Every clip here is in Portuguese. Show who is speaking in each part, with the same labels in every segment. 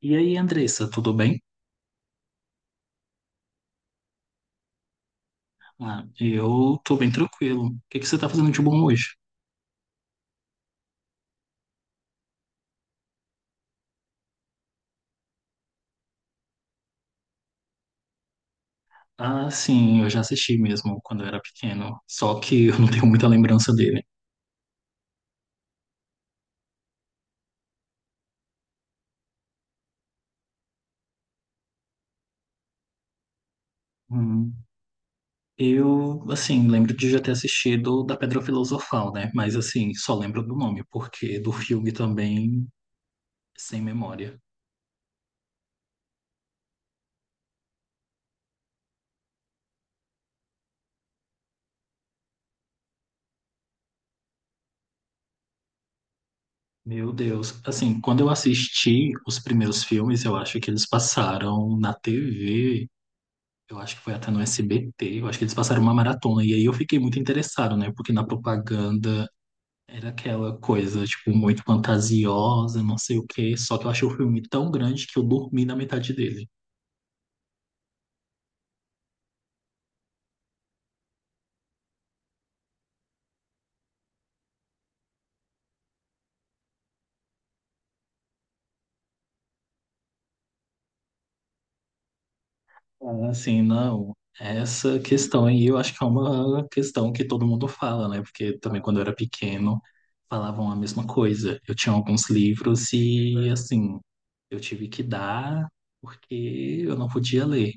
Speaker 1: E aí, Andressa, tudo bem? Ah, eu tô bem tranquilo. O que que você tá fazendo de bom hoje? Ah, sim, eu já assisti mesmo quando eu era pequeno, só que eu não tenho muita lembrança dele. Hum, eu, assim, lembro de já ter assistido da Pedra Filosofal, né? Mas, assim, só lembro do nome, porque do filme também, sem memória. Meu Deus, assim, quando eu assisti os primeiros filmes, eu acho que eles passaram na TV. Eu acho que foi até no SBT, eu acho que eles passaram uma maratona. E aí eu fiquei muito interessado, né? Porque na propaganda era aquela coisa, tipo, muito fantasiosa, não sei o quê. Só que eu achei o filme tão grande que eu dormi na metade dele. Ah, assim, não. Essa questão aí eu acho que é uma questão que todo mundo fala, né? Porque também quando eu era pequeno falavam a mesma coisa. Eu tinha alguns livros e, assim, eu tive que dar porque eu não podia ler.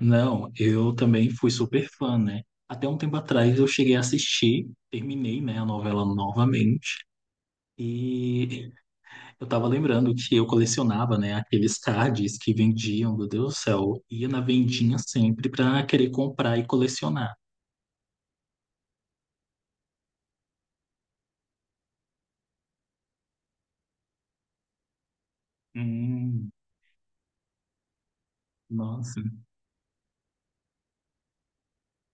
Speaker 1: Não, eu também fui super fã, né? Até um tempo atrás eu cheguei a assistir, terminei, né, a novela novamente. E eu tava lembrando que eu colecionava, né, aqueles cards que vendiam, meu Deus do céu. Ia na vendinha sempre pra querer comprar e colecionar. Hum, nossa.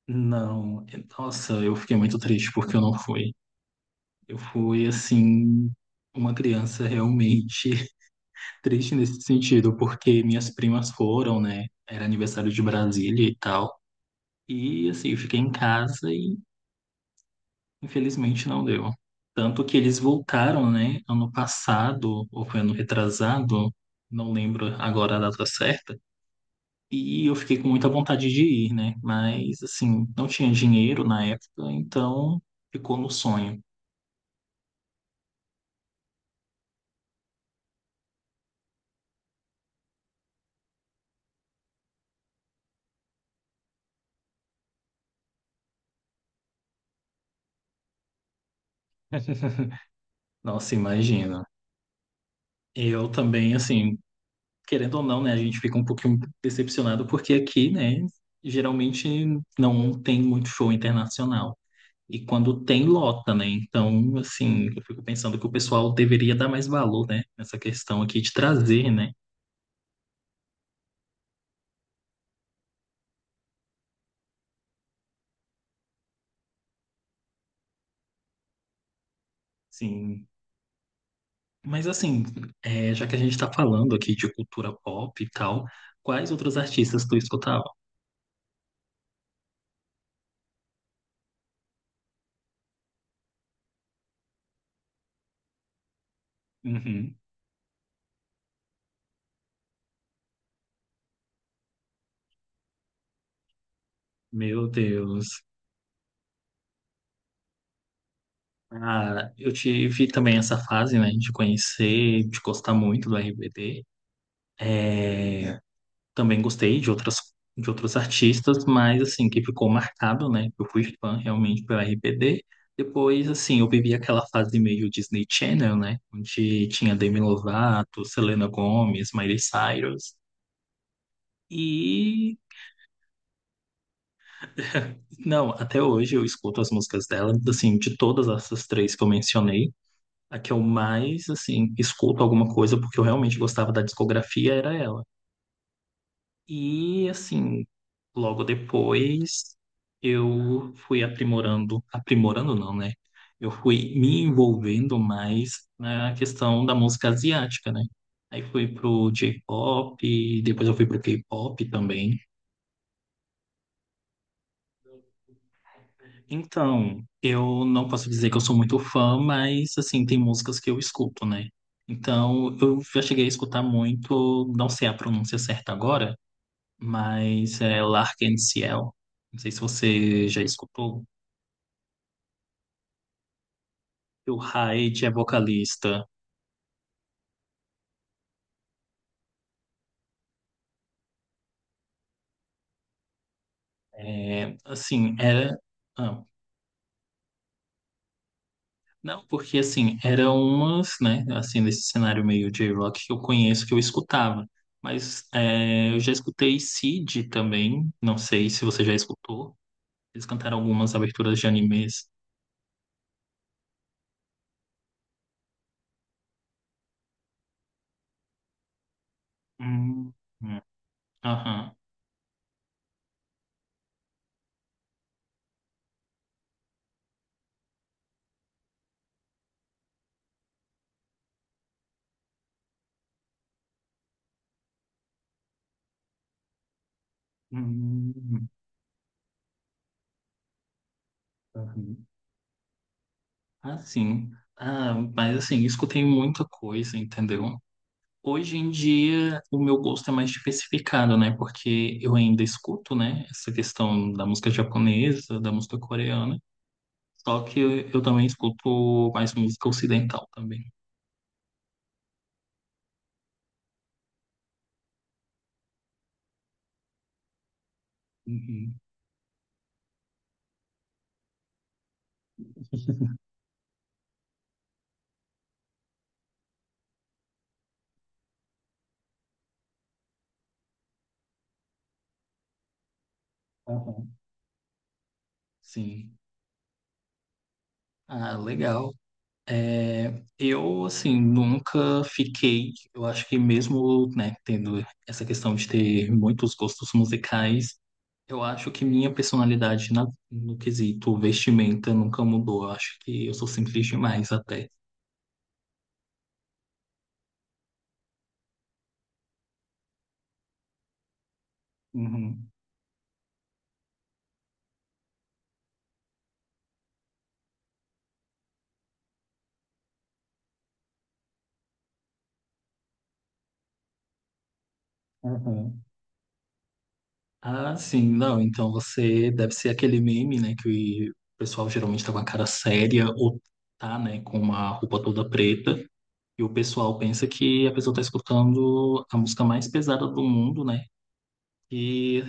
Speaker 1: Não, nossa, eu fiquei muito triste porque eu não fui. Eu fui, assim, uma criança realmente triste nesse sentido, porque minhas primas foram, né? Era aniversário de Brasília e tal. E assim, eu fiquei em casa e infelizmente não deu. Tanto que eles voltaram, né? Ano passado, ou foi ano retrasado, não lembro agora a data certa. E eu fiquei com muita vontade de ir, né? Mas assim, não tinha dinheiro na época, então ficou no sonho. Nossa, imagina. Eu também, assim, querendo ou não, né, a gente fica um pouquinho decepcionado porque aqui, né, geralmente não tem muito show internacional. E quando tem, lota, né? Então, assim, eu fico pensando que o pessoal deveria dar mais valor, né, nessa questão aqui de trazer, né? Sim. Mas assim, é, já que a gente está falando aqui de cultura pop e tal, quais outros artistas tu escutava? Uhum. Meu Deus. Ah, eu tive também essa fase, né, de conhecer, de gostar muito do RBD. É, também gostei de outras de outros artistas, mas assim, que ficou marcado, né? Eu fui fã realmente pela RBD. Depois, assim, eu vivi aquela fase meio Disney Channel, né? Onde tinha Demi Lovato, Selena Gomez, Miley Cyrus. E não, até hoje eu escuto as músicas dela, assim, de todas essas três que eu mencionei, a que eu mais, assim, escuto alguma coisa porque eu realmente gostava da discografia era ela. E assim, logo depois, eu fui aprimorando, aprimorando não, né? Eu fui me envolvendo mais na questão da música asiática, né? Aí fui pro J-pop, depois eu fui pro K-pop também. Então, eu não posso dizer que eu sou muito fã, mas assim, tem músicas que eu escuto, né? Então, eu já cheguei a escutar muito, não sei a pronúncia certa agora, mas é Lark and Ciel. Não sei se você já escutou. O Hyde é vocalista. É, assim, era. Ah, não, porque assim, eram umas, né? Assim, nesse cenário meio J-Rock que eu conheço, que eu escutava. Mas é, eu já escutei Seed também. Não sei se você já escutou. Eles cantaram algumas aberturas de animes. Hum, hum, aham. Hum, aham. Assim. Ah, mas assim, escutei muita coisa, entendeu? Hoje em dia, o meu gosto é mais diversificado, né? Porque eu ainda escuto, né? Essa questão da música japonesa, da música coreana. Só que eu também escuto mais música ocidental também. Uhum. Aham. Sim. Ah, legal. É, eu, assim, nunca fiquei. Eu acho que mesmo, né, tendo essa questão de ter muitos gostos musicais, eu acho que minha personalidade no quesito vestimenta nunca mudou. Eu acho que eu sou simples demais até. Uhum. Uhum. Ah, sim, não. Então você deve ser aquele meme, né? Que o pessoal geralmente tá com a cara séria ou tá, né, com uma roupa toda preta. E o pessoal pensa que a pessoa tá escutando a música mais pesada do mundo, né? E,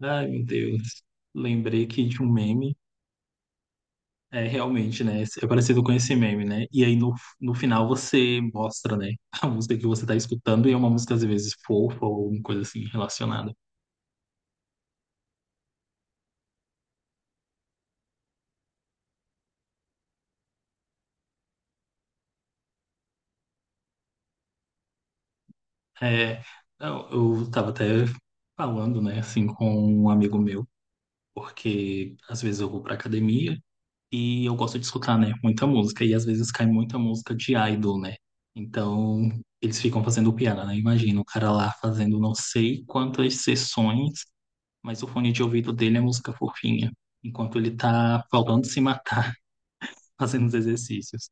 Speaker 1: ai, meu Deus, lembrei aqui de um meme. É, realmente, né? É parecido com esse meme, né? E aí no final você mostra, né? A música que você tá escutando e é uma música às vezes fofa ou alguma coisa assim relacionada. É, eu tava até falando, né, assim, com um amigo meu, porque às vezes eu vou pra academia e eu gosto de escutar, né, muita música. E às vezes cai muita música de idol, né? Então eles ficam fazendo piada, né? Imagina o cara lá fazendo não sei quantas sessões mas o fone de ouvido dele é música fofinha, enquanto ele tá faltando se matar fazendo os exercícios.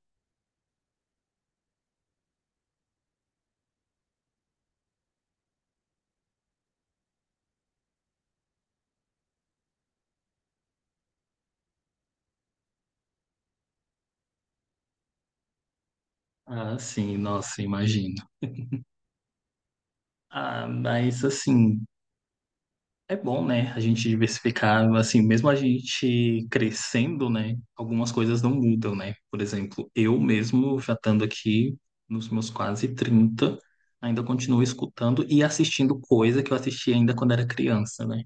Speaker 1: Ah, sim, nossa, imagino. Ah, mas assim, é bom, né? A gente diversificar, assim, mesmo a gente crescendo, né? Algumas coisas não mudam, né? Por exemplo, eu mesmo já estando aqui nos meus quase 30, ainda continuo escutando e assistindo coisa que eu assisti ainda quando era criança, né?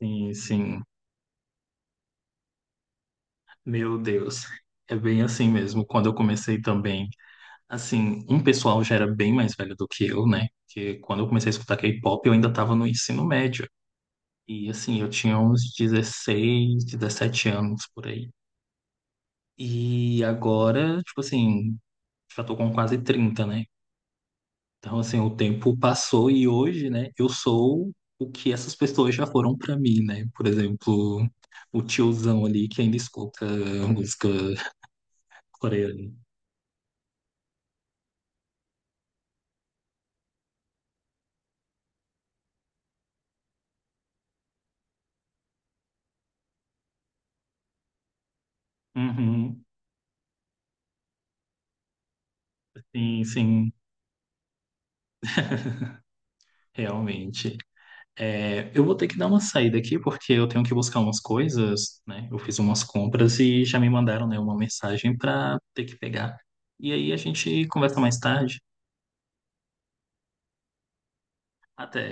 Speaker 1: Sim, sim. Meu Deus. É bem assim mesmo. Quando eu comecei também. Assim, um pessoal já era bem mais velho do que eu, né? Porque quando eu comecei a escutar K-pop, eu ainda estava no ensino médio. E assim, eu tinha uns 16 17 anos por aí. E agora, tipo assim, já tô com quase 30, né? Então, assim, o tempo passou e hoje, né, eu sou o que essas pessoas já foram pra mim, né? Por exemplo, o tiozão ali que ainda escuta música coreana. Uhum, sim, sim, realmente. É, eu vou ter que dar uma saída aqui porque eu tenho que buscar umas coisas, né? Eu fiz umas compras e já me mandaram, né, uma mensagem para ter que pegar. E aí a gente conversa mais tarde. Até.